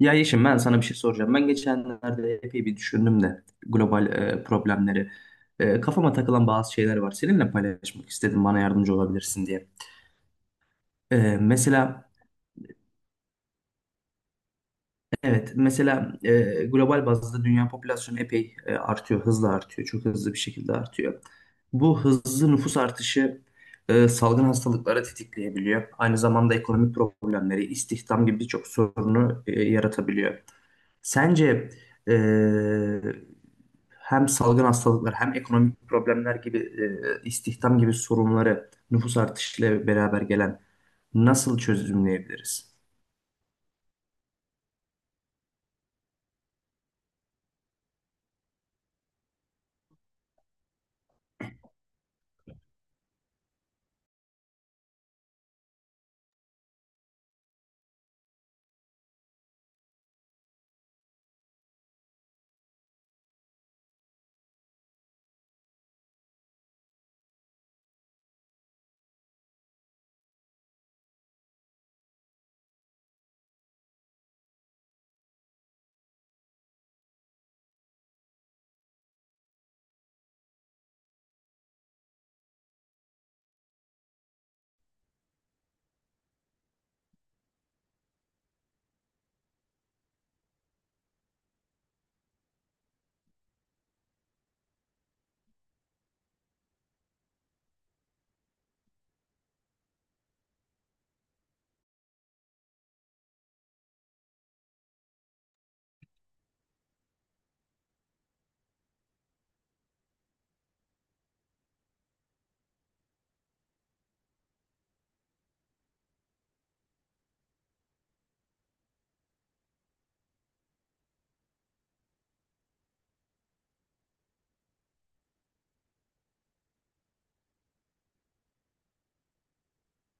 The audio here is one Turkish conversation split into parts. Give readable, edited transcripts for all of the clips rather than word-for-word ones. Ya Yeşim ben sana bir şey soracağım. Ben geçenlerde epey bir düşündüm de global problemleri. Kafama takılan bazı şeyler var. Seninle paylaşmak istedim bana yardımcı olabilirsin diye. E, mesela Evet mesela global bazda dünya popülasyonu epey artıyor. Hızla artıyor. Çok hızlı bir şekilde artıyor. Bu hızlı nüfus artışı salgın hastalıkları tetikleyebiliyor. Aynı zamanda ekonomik problemleri, istihdam gibi birçok sorunu yaratabiliyor. Sence eee, hem salgın hastalıklar hem ekonomik problemler gibi istihdam gibi sorunları nüfus artışıyla beraber gelen nasıl çözümleyebiliriz?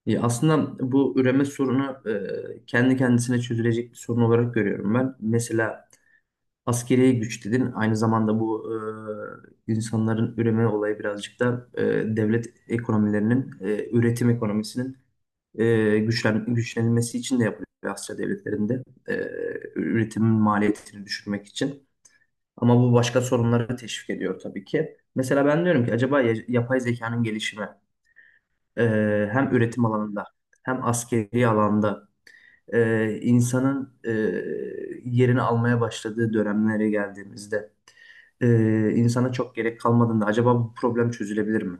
Aslında bu üreme sorunu kendi kendisine çözülecek bir sorun olarak görüyorum ben. Mesela askeri güç dedin. Aynı zamanda bu insanların üreme olayı birazcık da devlet ekonomilerinin, üretim ekonomisinin güçlenilmesi için de yapılıyor Asya devletlerinde. E, Üretimin maliyetini düşürmek için. Ama bu başka sorunları teşvik ediyor tabii ki. Mesela ben diyorum ki acaba yapay zekanın gelişimi e, hem üretim alanında hem askeri alanda insanın yerini almaya başladığı dönemlere geldiğimizde e, insana çok gerek kalmadığında acaba bu problem çözülebilir mi?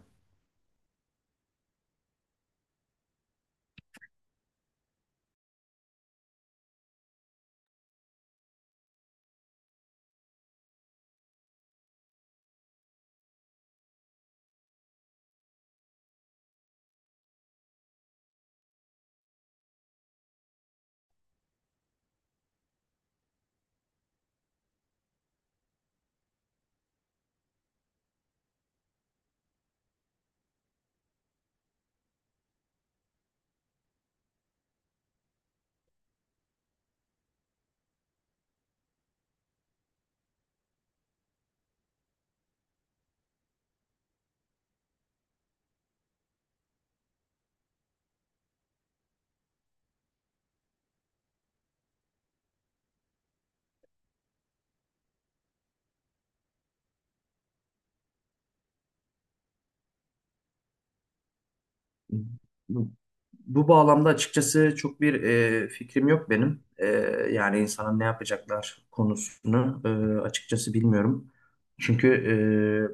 Bu bağlamda açıkçası çok bir fikrim yok benim. Yani insana ne yapacaklar konusunu açıkçası bilmiyorum. Çünkü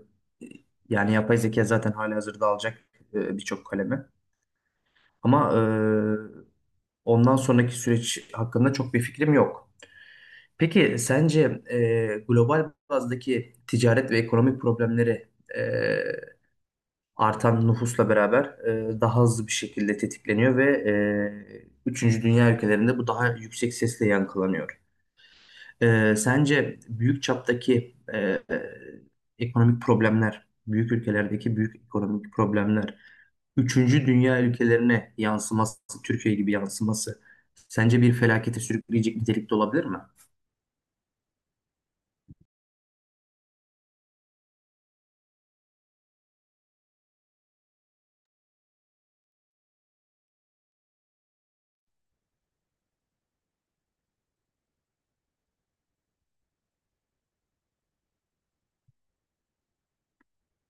yani yapay zeka zaten halihazırda alacak birçok kalemi. Ama ondan sonraki süreç hakkında çok bir fikrim yok. Peki sence global bazdaki ticaret ve ekonomik problemleri e, artan nüfusla beraber daha hızlı bir şekilde tetikleniyor ve üçüncü dünya ülkelerinde bu daha yüksek sesle yankılanıyor. Sence büyük çaptaki ekonomik problemler, büyük ülkelerdeki büyük ekonomik problemler, üçüncü dünya ülkelerine yansıması, Türkiye gibi yansıması sence bir felakete sürükleyecek nitelikte olabilir mi?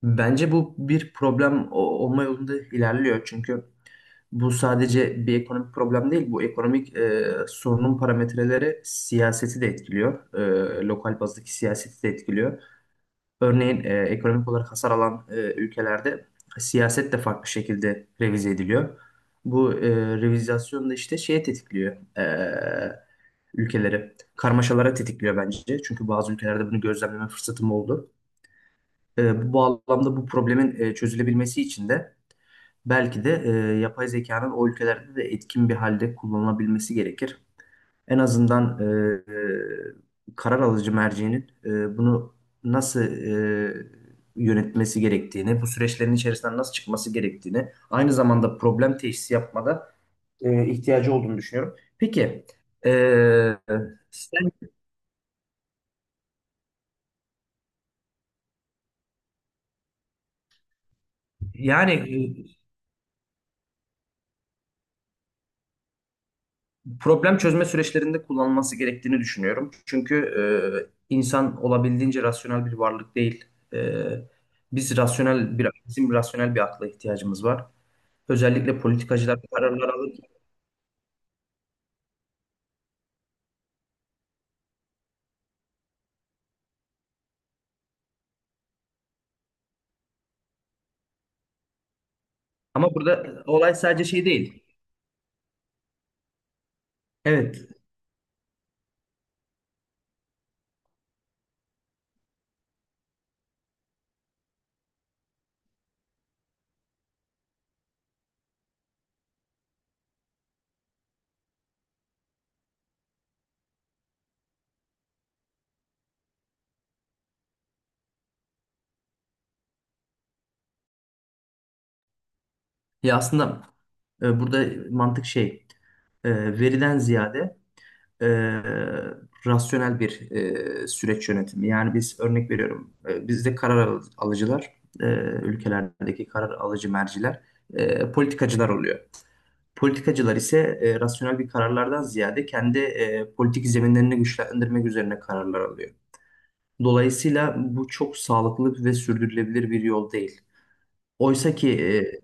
Bence bu bir problem olma yolunda ilerliyor. Çünkü bu sadece bir ekonomik problem değil, bu ekonomik sorunun parametreleri siyaseti de etkiliyor. Lokal bazdaki siyaseti de etkiliyor. Örneğin ekonomik olarak hasar alan ülkelerde siyaset de farklı şekilde revize ediliyor. Bu revizasyon da işte şeye tetikliyor ülkeleri. Karmaşalara tetikliyor bence. Çünkü bazı ülkelerde bunu gözlemleme fırsatım oldu. Bu bağlamda bu problemin çözülebilmesi için de belki de yapay zekanın o ülkelerde de etkin bir halde kullanılabilmesi gerekir. En azından karar alıcı mercinin bunu nasıl yönetmesi gerektiğini, bu süreçlerin içerisinden nasıl çıkması gerektiğini, aynı zamanda problem teşhisi yapmada ihtiyacı olduğunu düşünüyorum. Peki, e, sen yani problem çözme süreçlerinde kullanılması gerektiğini düşünüyorum. Çünkü insan olabildiğince rasyonel bir varlık değil. E, Biz rasyonel bir, bizim rasyonel bir akla ihtiyacımız var. Özellikle politikacılar kararlar alırken. Ama burada olay sadece şey değil. Evet. Ya aslında burada mantık şey veriden ziyade e, rasyonel bir süreç yönetimi. Yani biz örnek veriyorum bizde alıcılar e, ülkelerdeki karar alıcı merciler politikacılar oluyor. Politikacılar ise rasyonel bir kararlardan ziyade kendi politik zeminlerini güçlendirmek üzerine kararlar alıyor. Dolayısıyla bu çok sağlıklı ve sürdürülebilir bir yol değil. Oysa ki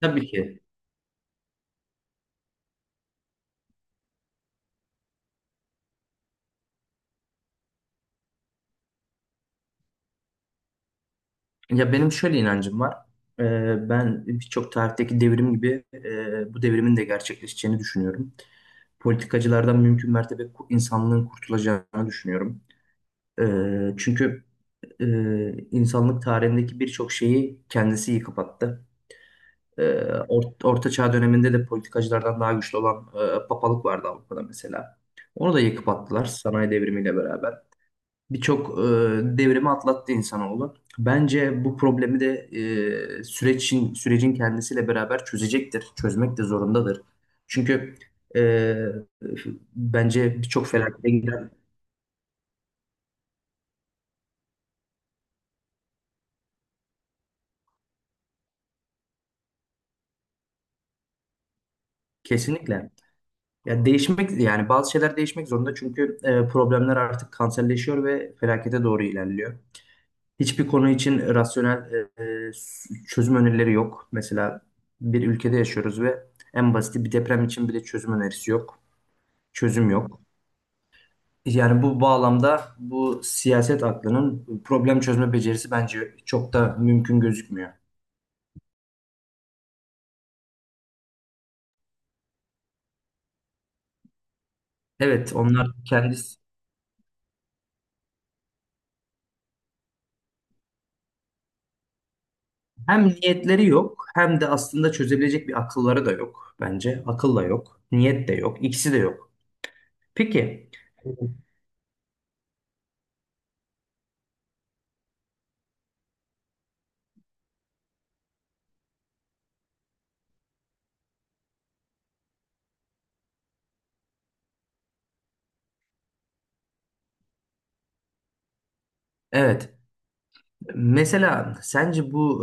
tabii ki. Ya benim şöyle inancım var. Ben birçok tarihteki devrim gibi bu devrimin de gerçekleşeceğini düşünüyorum. Politikacılardan mümkün mertebe insanlığın kurtulacağını düşünüyorum. Çünkü e, insanlık tarihindeki birçok şeyi kendisi yıkıp attı. Ee, Orta Çağ döneminde de politikacılardan daha güçlü olan papalık vardı Avrupa'da mesela. Onu da yıkıp attılar sanayi devrimiyle beraber birçok devrimi atlattı insanoğlu. Bence bu problemi de sürecin kendisiyle beraber çözecektir. Çözmek de zorundadır. Çünkü e, bence birçok felakete giden kesinlikle. Ya değişmek yani bazı şeyler değişmek zorunda çünkü problemler artık kanserleşiyor ve felakete doğru ilerliyor. Hiçbir konu için rasyonel e, e, çözüm önerileri yok. Mesela bir ülkede yaşıyoruz ve en basit bir deprem için bile çözüm önerisi yok. Çözüm yok. Yani bu bağlamda bu siyaset aklının problem çözme becerisi bence çok da mümkün gözükmüyor. Evet, onlar kendisi hem niyetleri yok hem de aslında çözebilecek bir akılları da yok bence. Akıl da yok, niyet de yok, ikisi de yok. Peki, evet. Mesela sence bu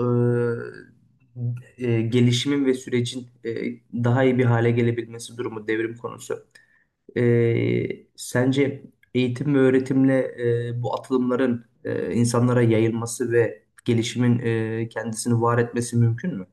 gelişimin ve sürecin daha iyi bir hale gelebilmesi durumu devrim konusu. Sence eğitim ve öğretimle bu atılımların insanlara yayılması ve gelişimin kendisini var etmesi mümkün mü?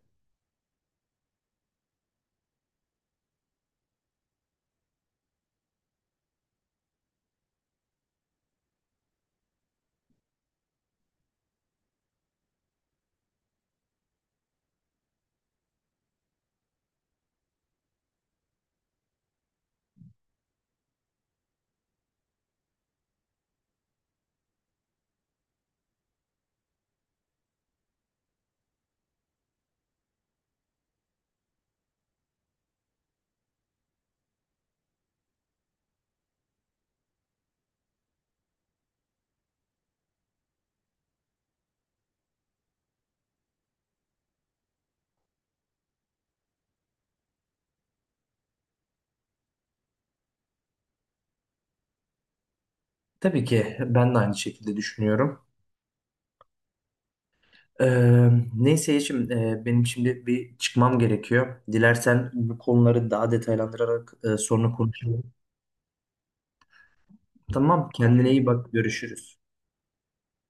Tabii ki ben de aynı şekilde düşünüyorum. Neyse Yeşim, benim şimdi bir çıkmam gerekiyor. Dilersen bu konuları daha detaylandırarak sonra konuşalım. Tamam, kendine iyi bak, görüşürüz.